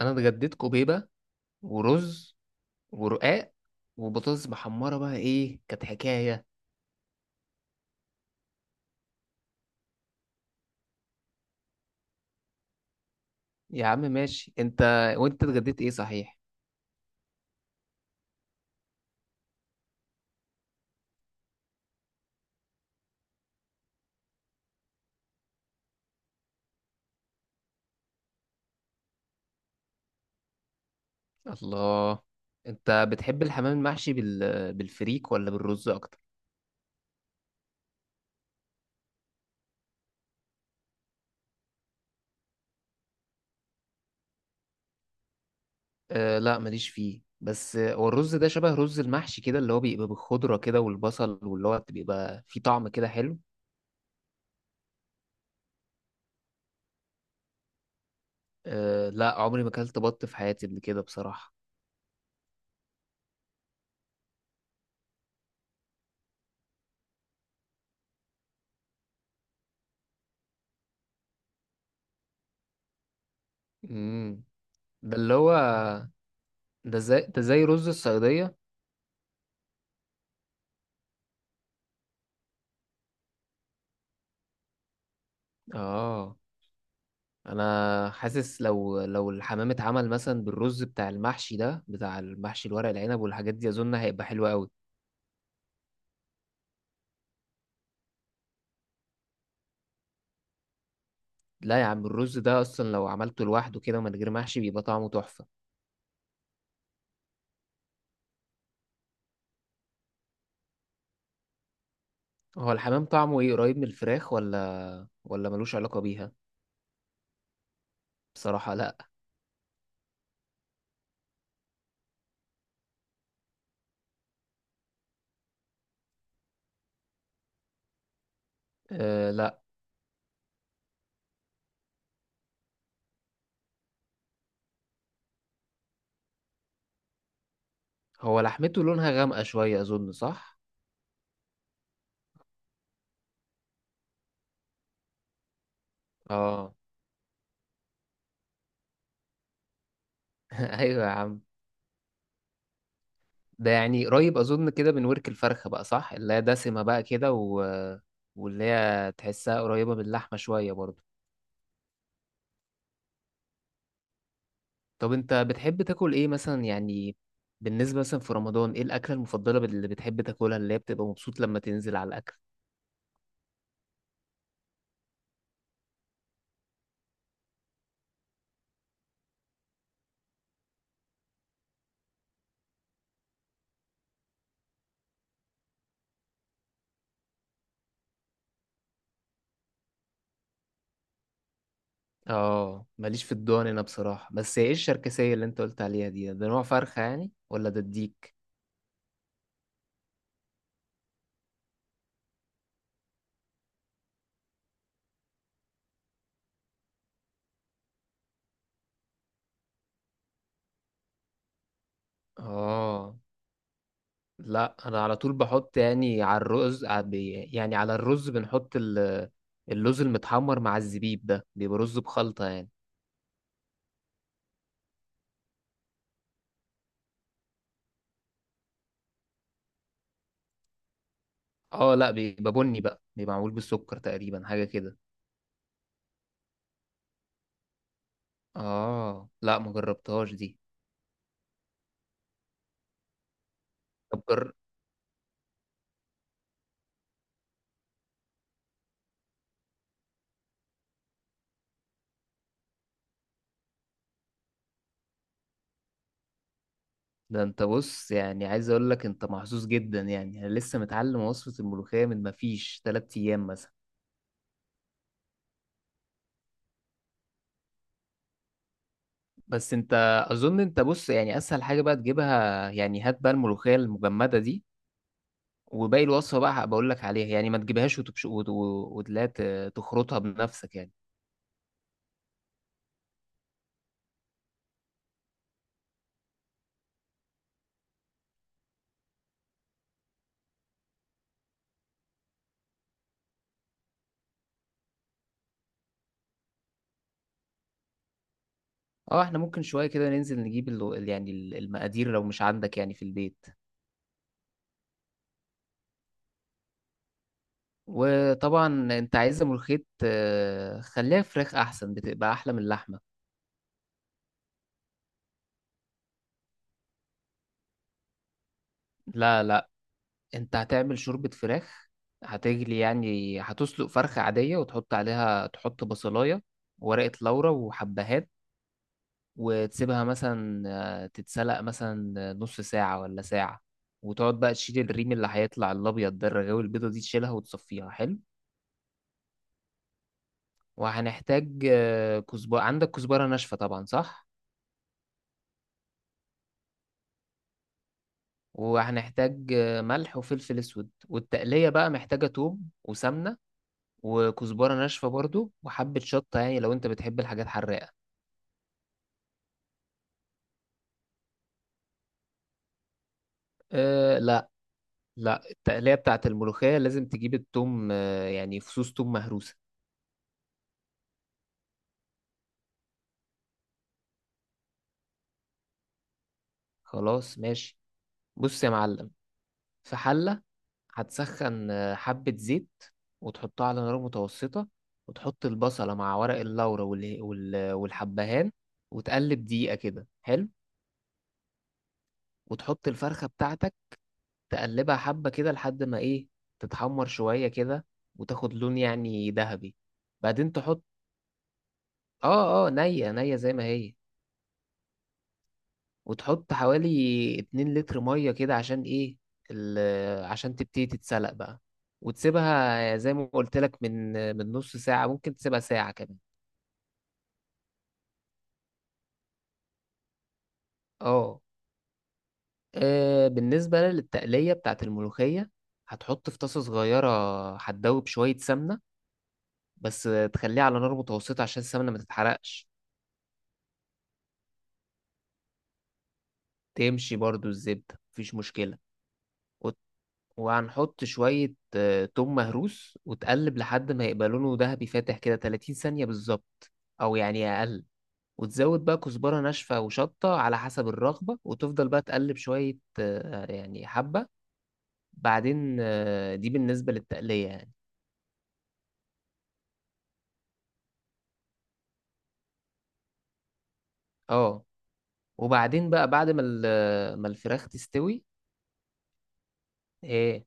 انا اتغديت كوبيبه ورز ورقاق وبطاطس محمره، بقى ايه كانت حكايه؟ يا عم ماشي انت. وانت اتغديت ايه صحيح؟ الله. انت بتحب الحمام المحشي بالفريك ولا بالرز اكتر؟ أه لا، ماليش فيه بس. هو الرز ده شبه رز المحشي كده اللي هو بيبقى بالخضره كده والبصل، واللي هو بيبقى فيه طعم كده حلو. أه لا، عمري ما اكلت بط في حياتي قبل كده بصراحه. امم. ده اللي هو ده زي رز الصياديه. اه. انا حاسس لو الحمام اتعمل مثلا بالرز بتاع المحشي الورق العنب والحاجات دي، اظن هيبقى حلو قوي. لا يا عم، الرز ده اصلا لو عملته لوحده كده من غير محشي بيبقى طعمه تحفة. هو الحمام طعمه ايه؟ قريب من الفراخ ولا ملوش علاقة بيها؟ بصراحة لا. أه لا. هو لحمته لونها غامقة شوية اظن، صح؟ اه. ايوه يا عم. ده يعني قريب اظن كده من ورك الفرخة بقى صح، اللي هي دسمة بقى كده و... واللي هي تحسها قريبة من اللحمة شوية برضه. طب انت بتحب تاكل ايه مثلا يعني؟ بالنسبة مثلا في رمضان، ايه الأكلة المفضلة اللي بتحب تاكلها، اللي هي بتبقى مبسوط لما تنزل على الأكل؟ اه، ماليش في الضان انا بصراحة. بس ايه الشركسية اللي انت قلت عليها دي؟ ده نوع فرخة يعني ولا ده الديك؟ اه لا، انا على طول بحط يعني على الرز يعني على الرز بنحط اللوز المتحمر مع الزبيب ده، بيبقى رز بخلطة يعني. اه لا، بيبقى بني بقى، بيبقى معمول بالسكر تقريبا حاجة كده. اه لا، ما جربتهاش دي. طب ده انت بص، يعني عايز اقول لك انت محظوظ جدا، يعني انا لسه متعلم وصفة الملوخية من ما فيش 3 ايام مثلا. بس انت اظن انت بص، يعني اسهل حاجة بقى تجيبها، يعني هات بقى الملوخية المجمدة دي. وباقي الوصفة بقى بقول لك عليها يعني، ما تجيبهاش وتبش وتلاقي تخرطها بنفسك يعني. اه، احنا ممكن شوية كده ننزل نجيب يعني المقادير لو مش عندك يعني في البيت. وطبعا انت عايزة ملوخية، خليها فراخ احسن، بتبقى احلى من اللحمة. لا لا. انت هتعمل شوربة فراخ. هتجلي يعني هتسلق فرخة عادية، وتحط عليها تحط بصلاية، ورقة لورا وحبهات. وتسيبها مثلا تتسلق مثلا نص ساعة ولا ساعة. وتقعد بقى تشيل الريم اللي هيطلع الأبيض ده، الرغاوي البيضة دي تشيلها وتصفيها حلو. وهنحتاج كزبرة. عندك كزبرة ناشفة طبعا، صح؟ وهنحتاج ملح وفلفل أسود. والتقلية بقى محتاجة توم وسمنة، وكزبرة ناشفة برضو، وحبة شطة يعني لو انت بتحب الحاجات حراقة. أه لا لا، التقلية بتاعت الملوخية لازم تجيب التوم. يعني فصوص توم مهروسة. خلاص ماشي. بص يا معلم، في حلة هتسخن حبة زيت وتحطها على نار متوسطة. وتحط البصلة مع ورق اللورا والحبهان وتقلب دقيقة كده، حلو. وتحط الفرخة بتاعتك، تقلبها حبة كده لحد ما ايه، تتحمر شوية كده وتاخد لون يعني ذهبي. بعدين تحط. اه اه، نية نية زي ما هي. وتحط حوالي 2 لتر ميه كده عشان ايه، عشان تبتدي تتسلق بقى. وتسيبها زي ما قلت لك من نص ساعه، ممكن تسيبها ساعه كمان. اه. بالنسبه للتقليه بتاعت الملوخيه، هتحط في طاسه صغيره هتدوب شويه سمنه بس. تخليها على نار متوسطه عشان السمنه ما تتحرقش. تمشي برضو الزبده، مفيش مشكله. وهنحط شوية توم مهروس وتقلب لحد ما يبقى لونه ذهبي فاتح كده 30 ثانية بالظبط، أو يعني أقل. وتزود بقى كزبرة ناشفة وشطة على حسب الرغبة، وتفضل بقى تقلب شوية يعني حبة. بعدين دي بالنسبة للتقلية يعني. اه. وبعدين بقى بعد ما ال- آه، ما الفراخ تستوي. ايه؟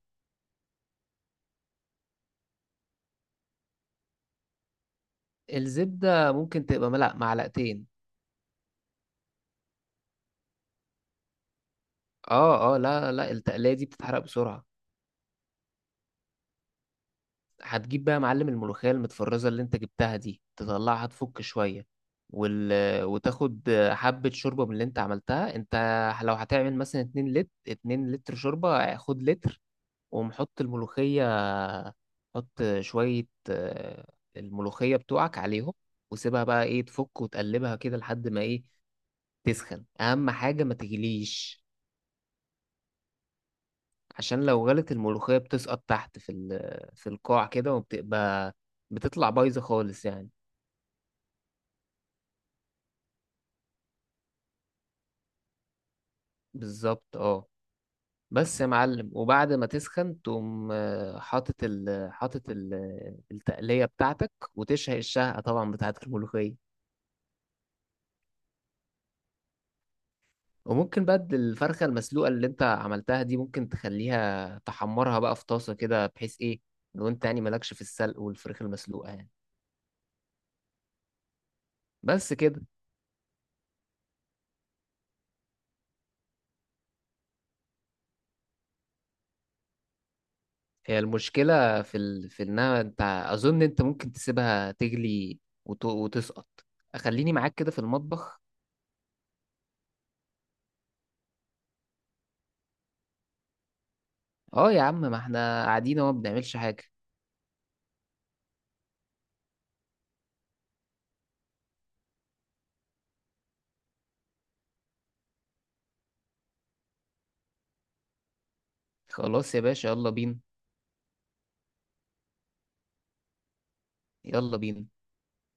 الزبدة ممكن تبقى ملأ معلقتين. اه اه، لا لا، التقلية دي بتتحرق بسرعة. هتجيب بقى يا معلم الملوخية المتفرزة اللي انت جبتها دي، تطلعها تفك شوية. وال... وتاخد حبة شوربة من اللي انت عملتها انت. لو هتعمل مثلا 2 لتر 2 لتر شوربة، خد لتر ومحط الملوخية. حط شوية الملوخية بتوعك عليهم، وسيبها بقى ايه تفك وتقلبها كده لحد ما ايه تسخن، اهم حاجة ما تغليش. عشان لو غلت الملوخية بتسقط تحت في القاع كده، وبتبقى بتطلع بايظة خالص يعني. بالظبط اه. بس يا معلم، وبعد ما تسخن تقوم حاطط التقلية بتاعتك، وتشهق الشهقة طبعا بتاعت الملوخية. وممكن بقى الفرخة المسلوقة اللي انت عملتها دي ممكن تخليها تحمرها بقى في طاسة كده، بحيث ايه لو انت يعني مالكش في السلق والفراخ المسلوقة يعني. بس كده. هي المشكلة في انها انت اظن انت ممكن تسيبها تغلي وتسقط. خليني معاك كده في المطبخ. اه يا عم، ما احنا قاعدين اهو ما بنعملش حاجة. خلاص يا باشا، يلا بينا. يلا بينا.